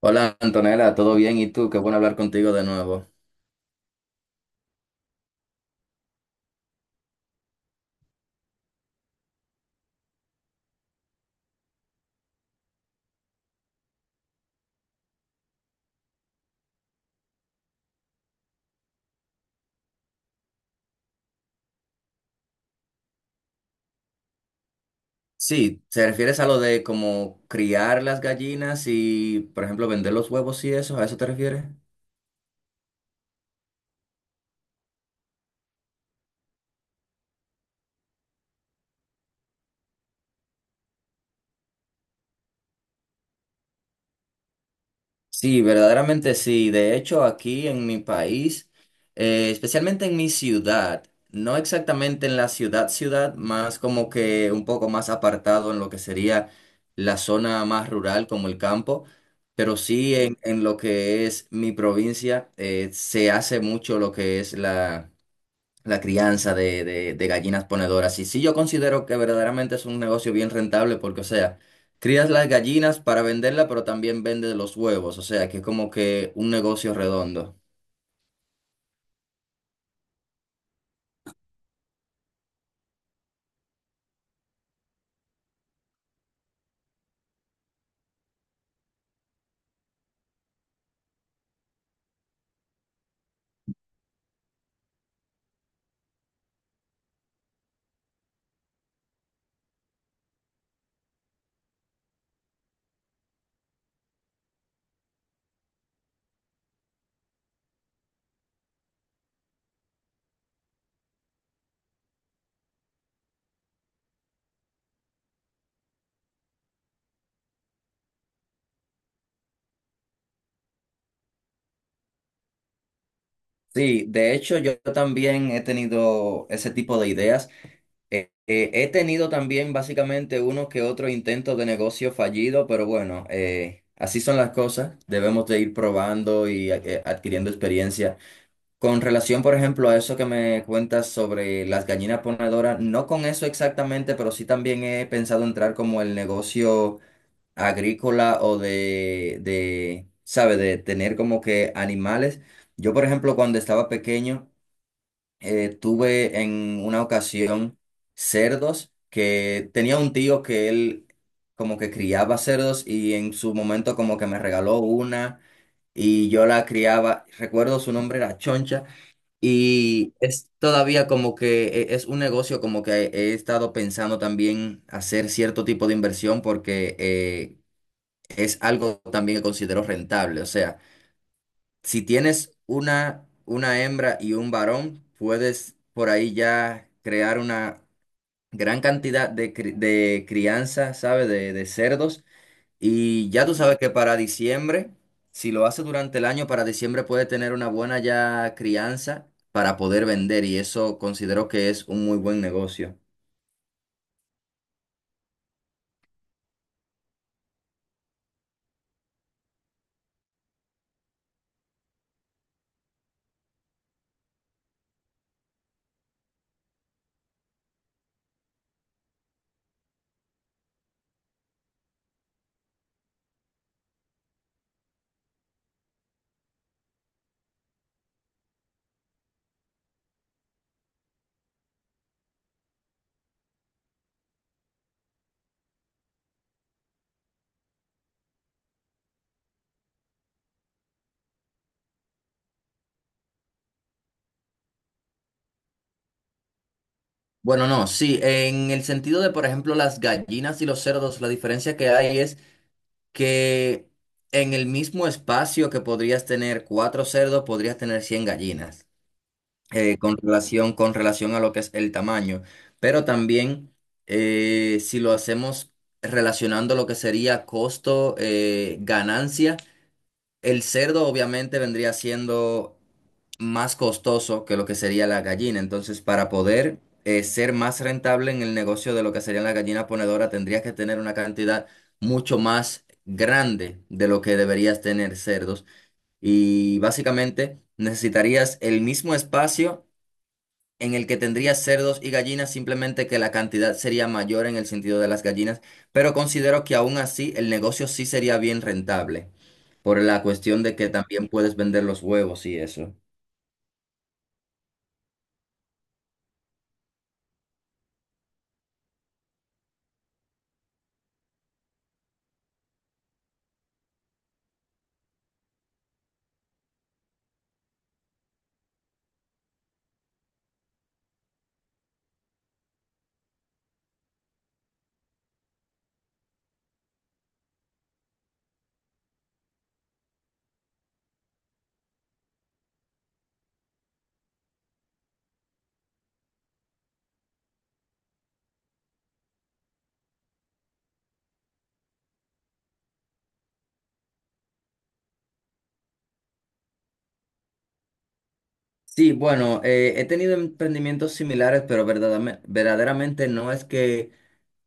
Hola Antonella, ¿todo bien? ¿Y tú? Qué bueno hablar contigo de nuevo. Sí, ¿te refieres a lo de como criar las gallinas y, por ejemplo, vender los huevos y eso? ¿A eso te refieres? Sí, verdaderamente sí. De hecho, aquí en mi país, especialmente en mi ciudad, no exactamente en la ciudad ciudad, más como que un poco más apartado en lo que sería la zona más rural como el campo, pero sí en lo que es mi provincia, se hace mucho lo que es la... la crianza de gallinas ponedoras. Y sí, yo considero que verdaderamente es un negocio bien rentable porque, o sea, crías las gallinas para venderla, pero también vendes los huevos, o sea, que es como que un negocio redondo. Sí, de hecho yo también he tenido ese tipo de ideas. He tenido también básicamente uno que otro intento de negocio fallido, pero bueno, así son las cosas. Debemos de ir probando y adquiriendo experiencia. Con relación, por ejemplo, a eso que me cuentas sobre las gallinas ponedoras, no con eso exactamente, pero sí también he pensado entrar como el negocio agrícola o ¿sabe? De tener como que animales. Yo, por ejemplo, cuando estaba pequeño, tuve en una ocasión cerdos que tenía un tío que él como que criaba cerdos y en su momento como que me regaló una y yo la criaba. Recuerdo su nombre era Choncha. Y es todavía como que es un negocio como que he estado pensando también hacer cierto tipo de inversión porque es algo también que considero rentable. O sea, si tienes una hembra y un varón, puedes por ahí ya crear una gran cantidad de crianza, ¿sabes? De cerdos y ya tú sabes que para diciembre, si lo hace durante el año, para diciembre puede tener una buena ya crianza para poder vender y eso considero que es un muy buen negocio. Bueno, no, sí, en el sentido de, por ejemplo, las gallinas y los cerdos, la diferencia que hay es que en el mismo espacio que podrías tener cuatro cerdos, podrías tener 100 gallinas. Con relación, con relación a lo que es el tamaño. Pero también, si lo hacemos relacionando lo que sería costo, ganancia, el cerdo obviamente vendría siendo más costoso que lo que sería la gallina. Entonces, para poder ser más rentable en el negocio de lo que sería la gallina ponedora, tendrías que tener una cantidad mucho más grande de lo que deberías tener cerdos. Y básicamente necesitarías el mismo espacio en el que tendría cerdos y gallinas, simplemente que la cantidad sería mayor en el sentido de las gallinas, pero considero que aún así el negocio sí sería bien rentable, por la cuestión de que también puedes vender los huevos y eso. Sí, bueno, he tenido emprendimientos similares, pero verdaderamente no es que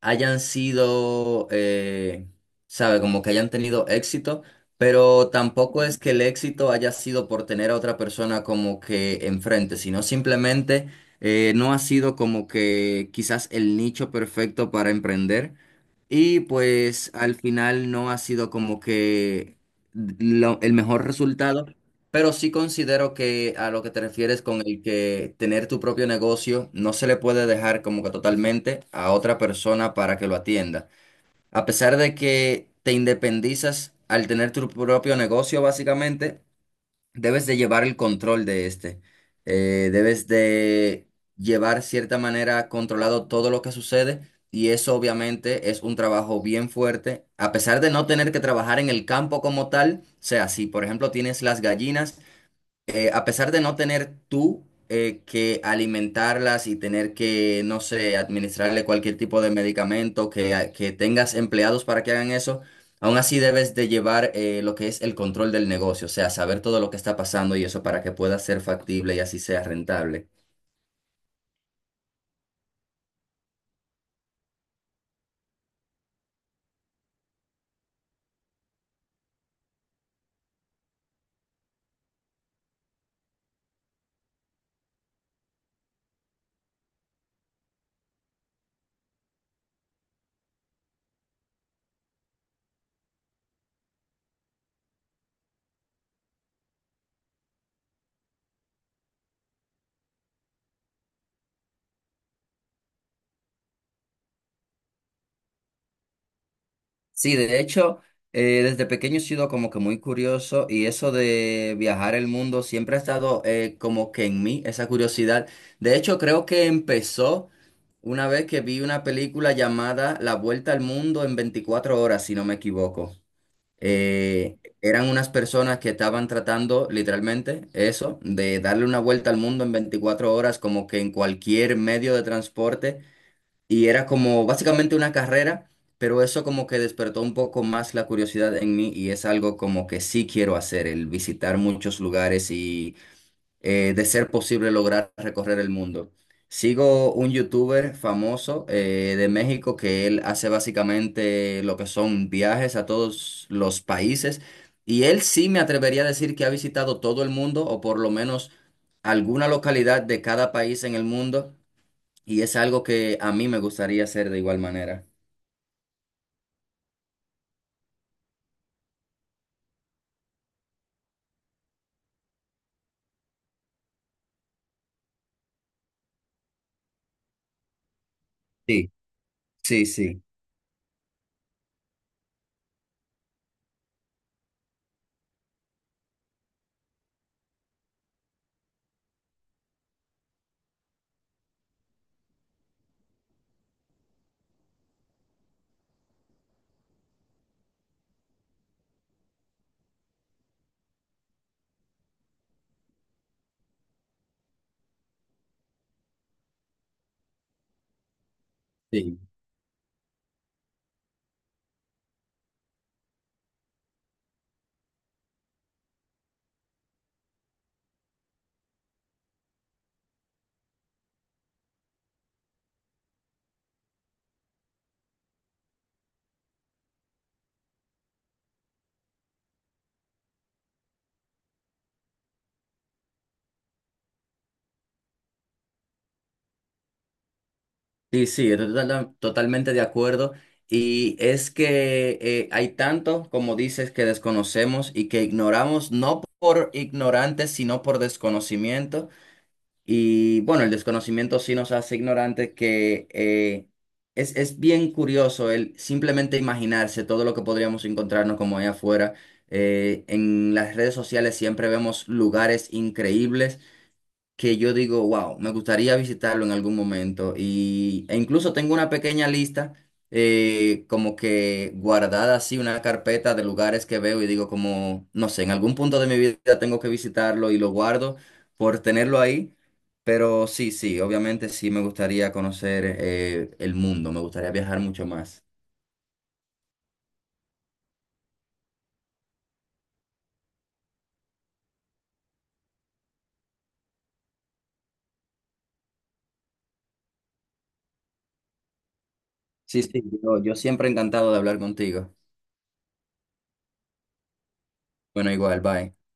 hayan sido, sabe, como que hayan tenido éxito, pero tampoco es que el éxito haya sido por tener a otra persona como que enfrente, sino simplemente no ha sido como que quizás el nicho perfecto para emprender. Y pues al final no ha sido como que el mejor resultado, pero sí considero que a lo que te refieres con el que tener tu propio negocio no se le puede dejar como que totalmente a otra persona para que lo atienda. A pesar de que te independizas al tener tu propio negocio, básicamente, debes de llevar el control de este. Debes de llevar cierta manera controlado todo lo que sucede y eso obviamente es un trabajo bien fuerte. A pesar de no tener que trabajar en el campo como tal, o sea, si por ejemplo tienes las gallinas, a pesar de no tener tú que alimentarlas y tener que, no sé, administrarle cualquier tipo de medicamento, que tengas empleados para que hagan eso, aún así debes de llevar lo que es el control del negocio, o sea, saber todo lo que está pasando y eso para que pueda ser factible y así sea rentable. Sí, de hecho, desde pequeño he sido como que muy curioso y eso de viajar el mundo siempre ha estado como que en mí, esa curiosidad. De hecho, creo que empezó una vez que vi una película llamada La Vuelta al Mundo en 24 horas, si no me equivoco. Eran unas personas que estaban tratando literalmente eso, de darle una vuelta al mundo en 24 horas, como que en cualquier medio de transporte. Y era como básicamente una carrera, pero eso como que despertó un poco más la curiosidad en mí y es algo como que sí quiero hacer, el visitar muchos lugares y de ser posible lograr recorrer el mundo. Sigo un youtuber famoso de México que él hace básicamente lo que son viajes a todos los países y él sí me atrevería a decir que ha visitado todo el mundo o por lo menos alguna localidad de cada país en el mundo. Y es algo que a mí me gustaría hacer de igual manera. Sí, sí, sí. Sí, sí, sí, estoy totalmente de acuerdo. Y es que hay tanto, como dices, que desconocemos y que ignoramos, no por ignorantes, sino por desconocimiento. Y bueno, el desconocimiento sí nos hace ignorantes, que es bien curioso el simplemente imaginarse todo lo que podríamos encontrarnos como allá afuera. En las redes sociales siempre vemos lugares increíbles que yo digo, wow, me gustaría visitarlo en algún momento. Y, e incluso tengo una pequeña lista, como que guardada así, una carpeta de lugares que veo y digo como, no sé, en algún punto de mi vida tengo que visitarlo y lo guardo por tenerlo ahí. Pero sí, sí, obviamente sí me gustaría conocer el mundo, me gustaría viajar mucho más. Sí, sí, yo siempre encantado de hablar contigo. Bueno, igual, bye.